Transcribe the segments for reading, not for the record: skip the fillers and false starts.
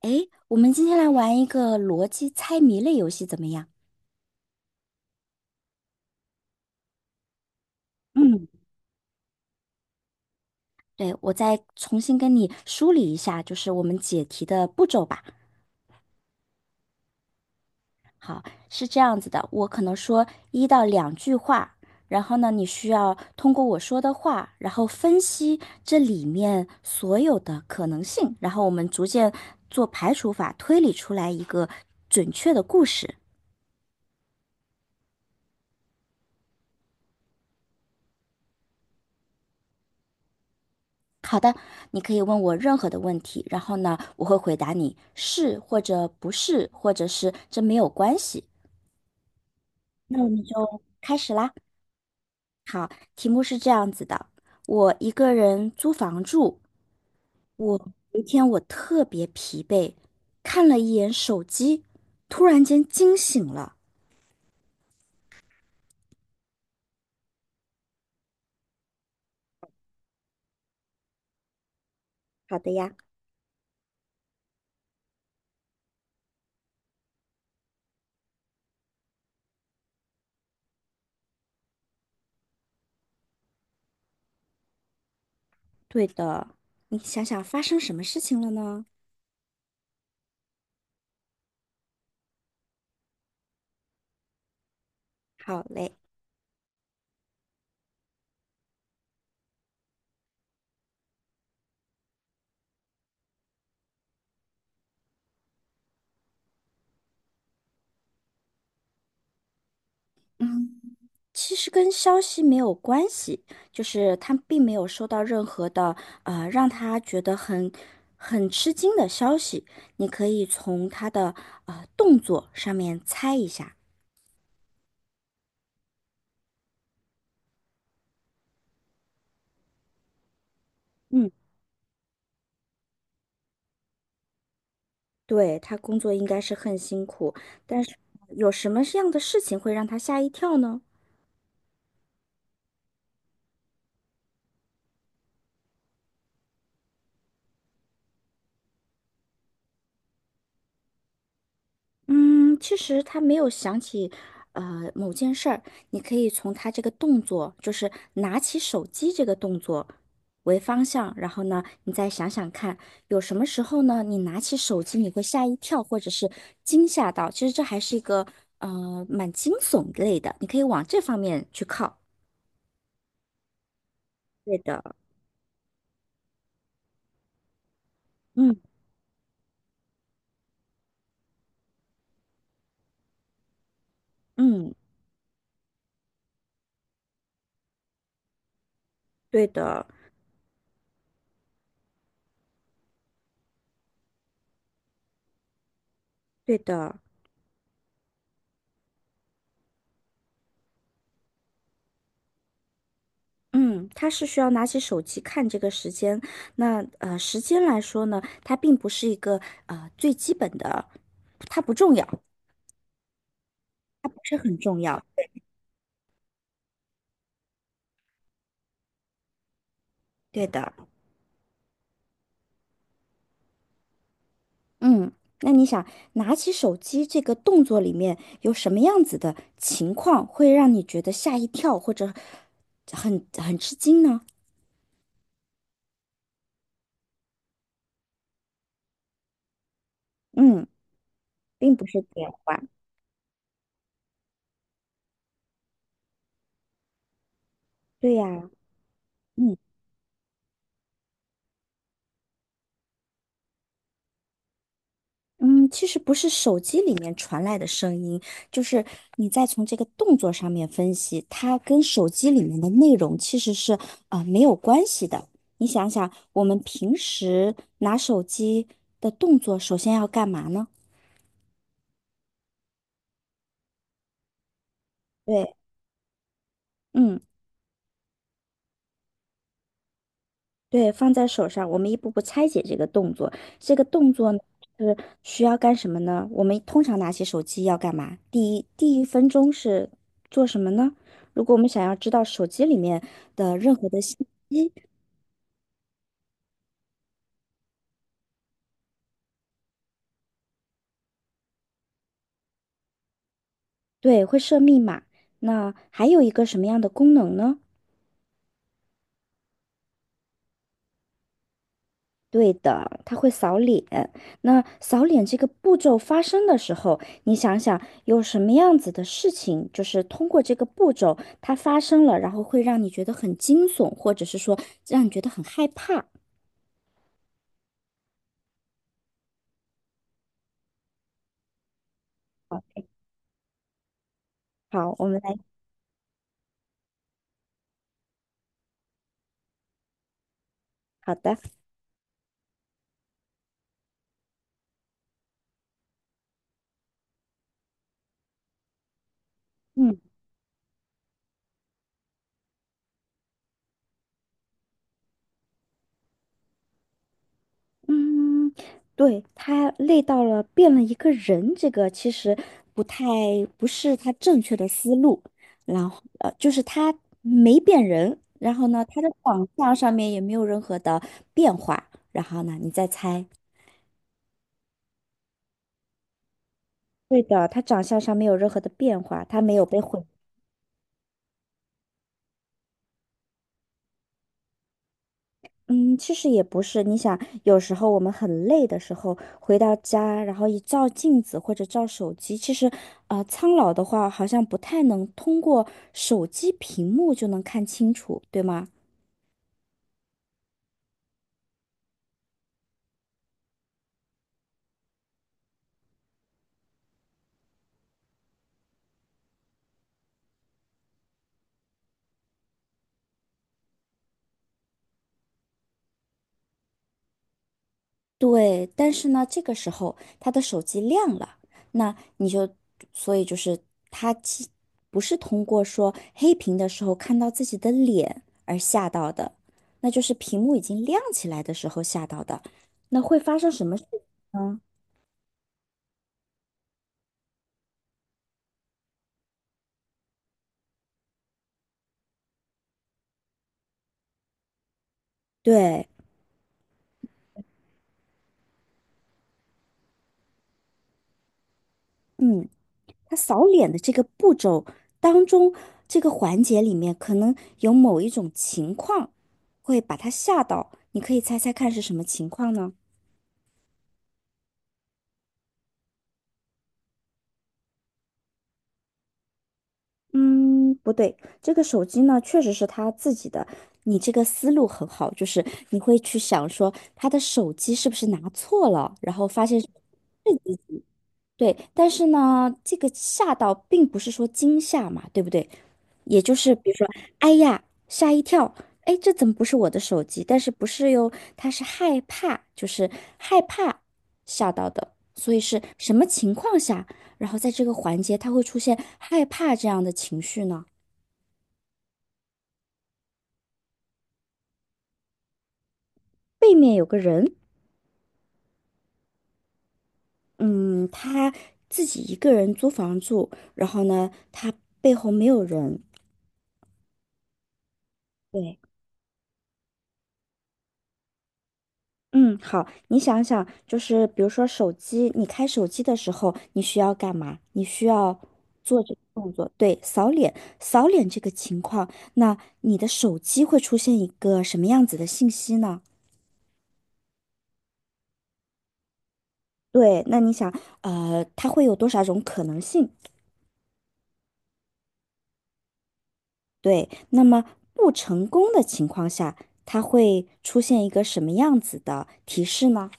诶，我们今天来玩一个逻辑猜谜类游戏，怎么样？嗯。对，我再重新跟你梳理一下，就是我们解题的步骤吧。好，是这样子的，我可能说1到2句话，然后呢，你需要通过我说的话，然后分析这里面所有的可能性，然后我们逐渐做排除法，推理出来一个准确的故事。好的，你可以问我任何的问题，然后呢，我会回答你是或者不是，或者是这没有关系。那我们就开始啦。好，题目是这样子的：我一个人租房住，我有一天我特别疲惫，看了一眼手机，突然间惊醒了。好的呀。对的，你想想发生什么事情了呢？好嘞。嗯。其实跟消息没有关系，就是他并没有收到任何的让他觉得很吃惊的消息。你可以从他的动作上面猜一下。嗯。对，他工作应该是很辛苦，但是有什么样的事情会让他吓一跳呢？嗯，其实他没有想起，某件事儿，你可以从他这个动作，就是拿起手机这个动作为方向，然后呢，你再想想看，有什么时候呢，你拿起手机你会吓一跳，或者是惊吓到，其实这还是一个蛮惊悚类的，你可以往这方面去靠。对的。嗯，嗯。对的。对的。嗯，他是需要拿起手机看这个时间。那时间来说呢，它并不是一个最基本的，它不重要。对的。嗯。那你想拿起手机这个动作里面有什么样子的情况会让你觉得吓一跳或者很吃惊呢？嗯，并不是电话。对呀。嗯。嗯，其实不是手机里面传来的声音，就是你再从这个动作上面分析，它跟手机里面的内容其实是没有关系的。你想想，我们平时拿手机的动作，首先要干嘛呢？对。嗯。对，放在手上，我们一步步拆解这个动作。这个动作呢是需要干什么呢？我们通常拿起手机要干嘛？第一分钟是做什么呢？如果我们想要知道手机里面的任何的信息，对，会设密码。那还有一个什么样的功能呢？对的，他会扫脸。那扫脸这个步骤发生的时候，你想想有什么样子的事情，就是通过这个步骤它发生了，然后会让你觉得很惊悚，或者是说让你觉得很害怕。好，我们来。好的。嗯。嗯，对，他累到了，变了一个人，这个其实不太不是他正确的思路。然后就是他没变人，然后呢，他的长相上面也没有任何的变化。然后呢，你再猜。对的，他长相上没有任何的变化，他没有被毁。嗯，其实也不是。你想，有时候我们很累的时候，回到家，然后一照镜子或者照手机，其实，苍老的话好像不太能通过手机屏幕就能看清楚，对吗？对，但是呢，这个时候他的手机亮了，那你就，所以就是他不是通过说黑屏的时候看到自己的脸而吓到的，那就是屏幕已经亮起来的时候吓到的。那会发生什么事呢？对，嗯，他扫脸的这个步骤当中，这个环节里面可能有某一种情况会把他吓到，你可以猜猜看是什么情况呢？嗯，不对，这个手机呢确实是他自己的。你这个思路很好，就是你会去想说他的手机是不是拿错了，然后发现是自己。对，但是呢，这个吓到并不是说惊吓嘛，对不对？也就是比如说，哎呀，吓一跳，哎，这怎么不是我的手机？但是不是哟，他是害怕，就是害怕吓到的，所以是什么情况下，然后在这个环节他会出现害怕这样的情绪呢？背面有个人，嗯，他自己一个人租房住，然后呢，他背后没有人。对。嗯，好，你想想，就是比如说手机，你开手机的时候，你需要干嘛？你需要做这个动作，对，扫脸，扫脸这个情况，那你的手机会出现一个什么样子的信息呢？对，那你想，它会有多少种可能性？对，那么不成功的情况下，它会出现一个什么样子的提示呢？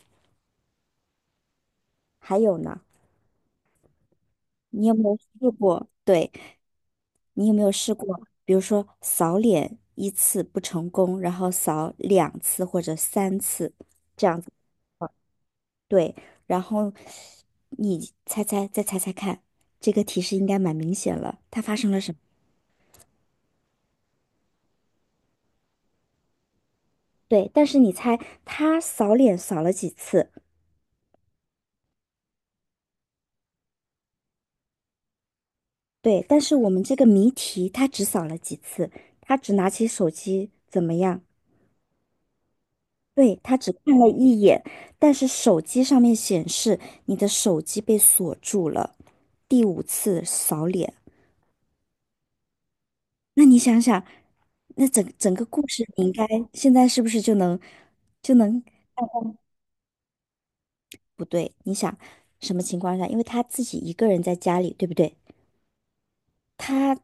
还有呢，你有没有试过？对。你有没有试过，比如说扫脸1次不成功，然后扫2次或者3次，这样子，对，然后你猜猜，再猜猜看，这个提示应该蛮明显了，它发生了什么？对，但是你猜他扫脸扫了几次？对，但是我们这个谜题他只扫了几次，他只拿起手机怎么样？对，他只看了一眼，但是手机上面显示你的手机被锁住了，第5次扫脸。那你想想，那整个故事，你应该现在是不是就能。不对？你想什么情况下？因为他自己一个人在家里，对不对？他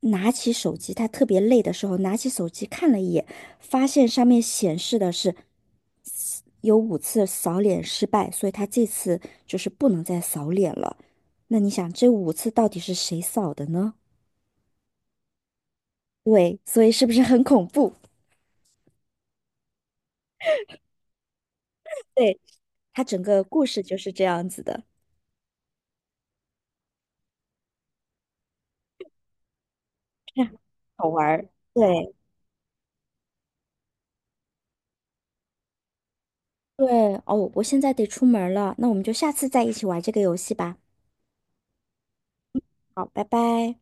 拿起手机，他特别累的时候，拿起手机看了一眼，发现上面显示的是有五次扫脸失败，所以他这次就是不能再扫脸了。那你想，这五次到底是谁扫的呢？对，所以是不是很恐怖？对，他整个故事就是这样子的，这样好玩儿。对对，哦，我现在得出门了，那我们就下次再一起玩这个游戏吧。好，拜拜。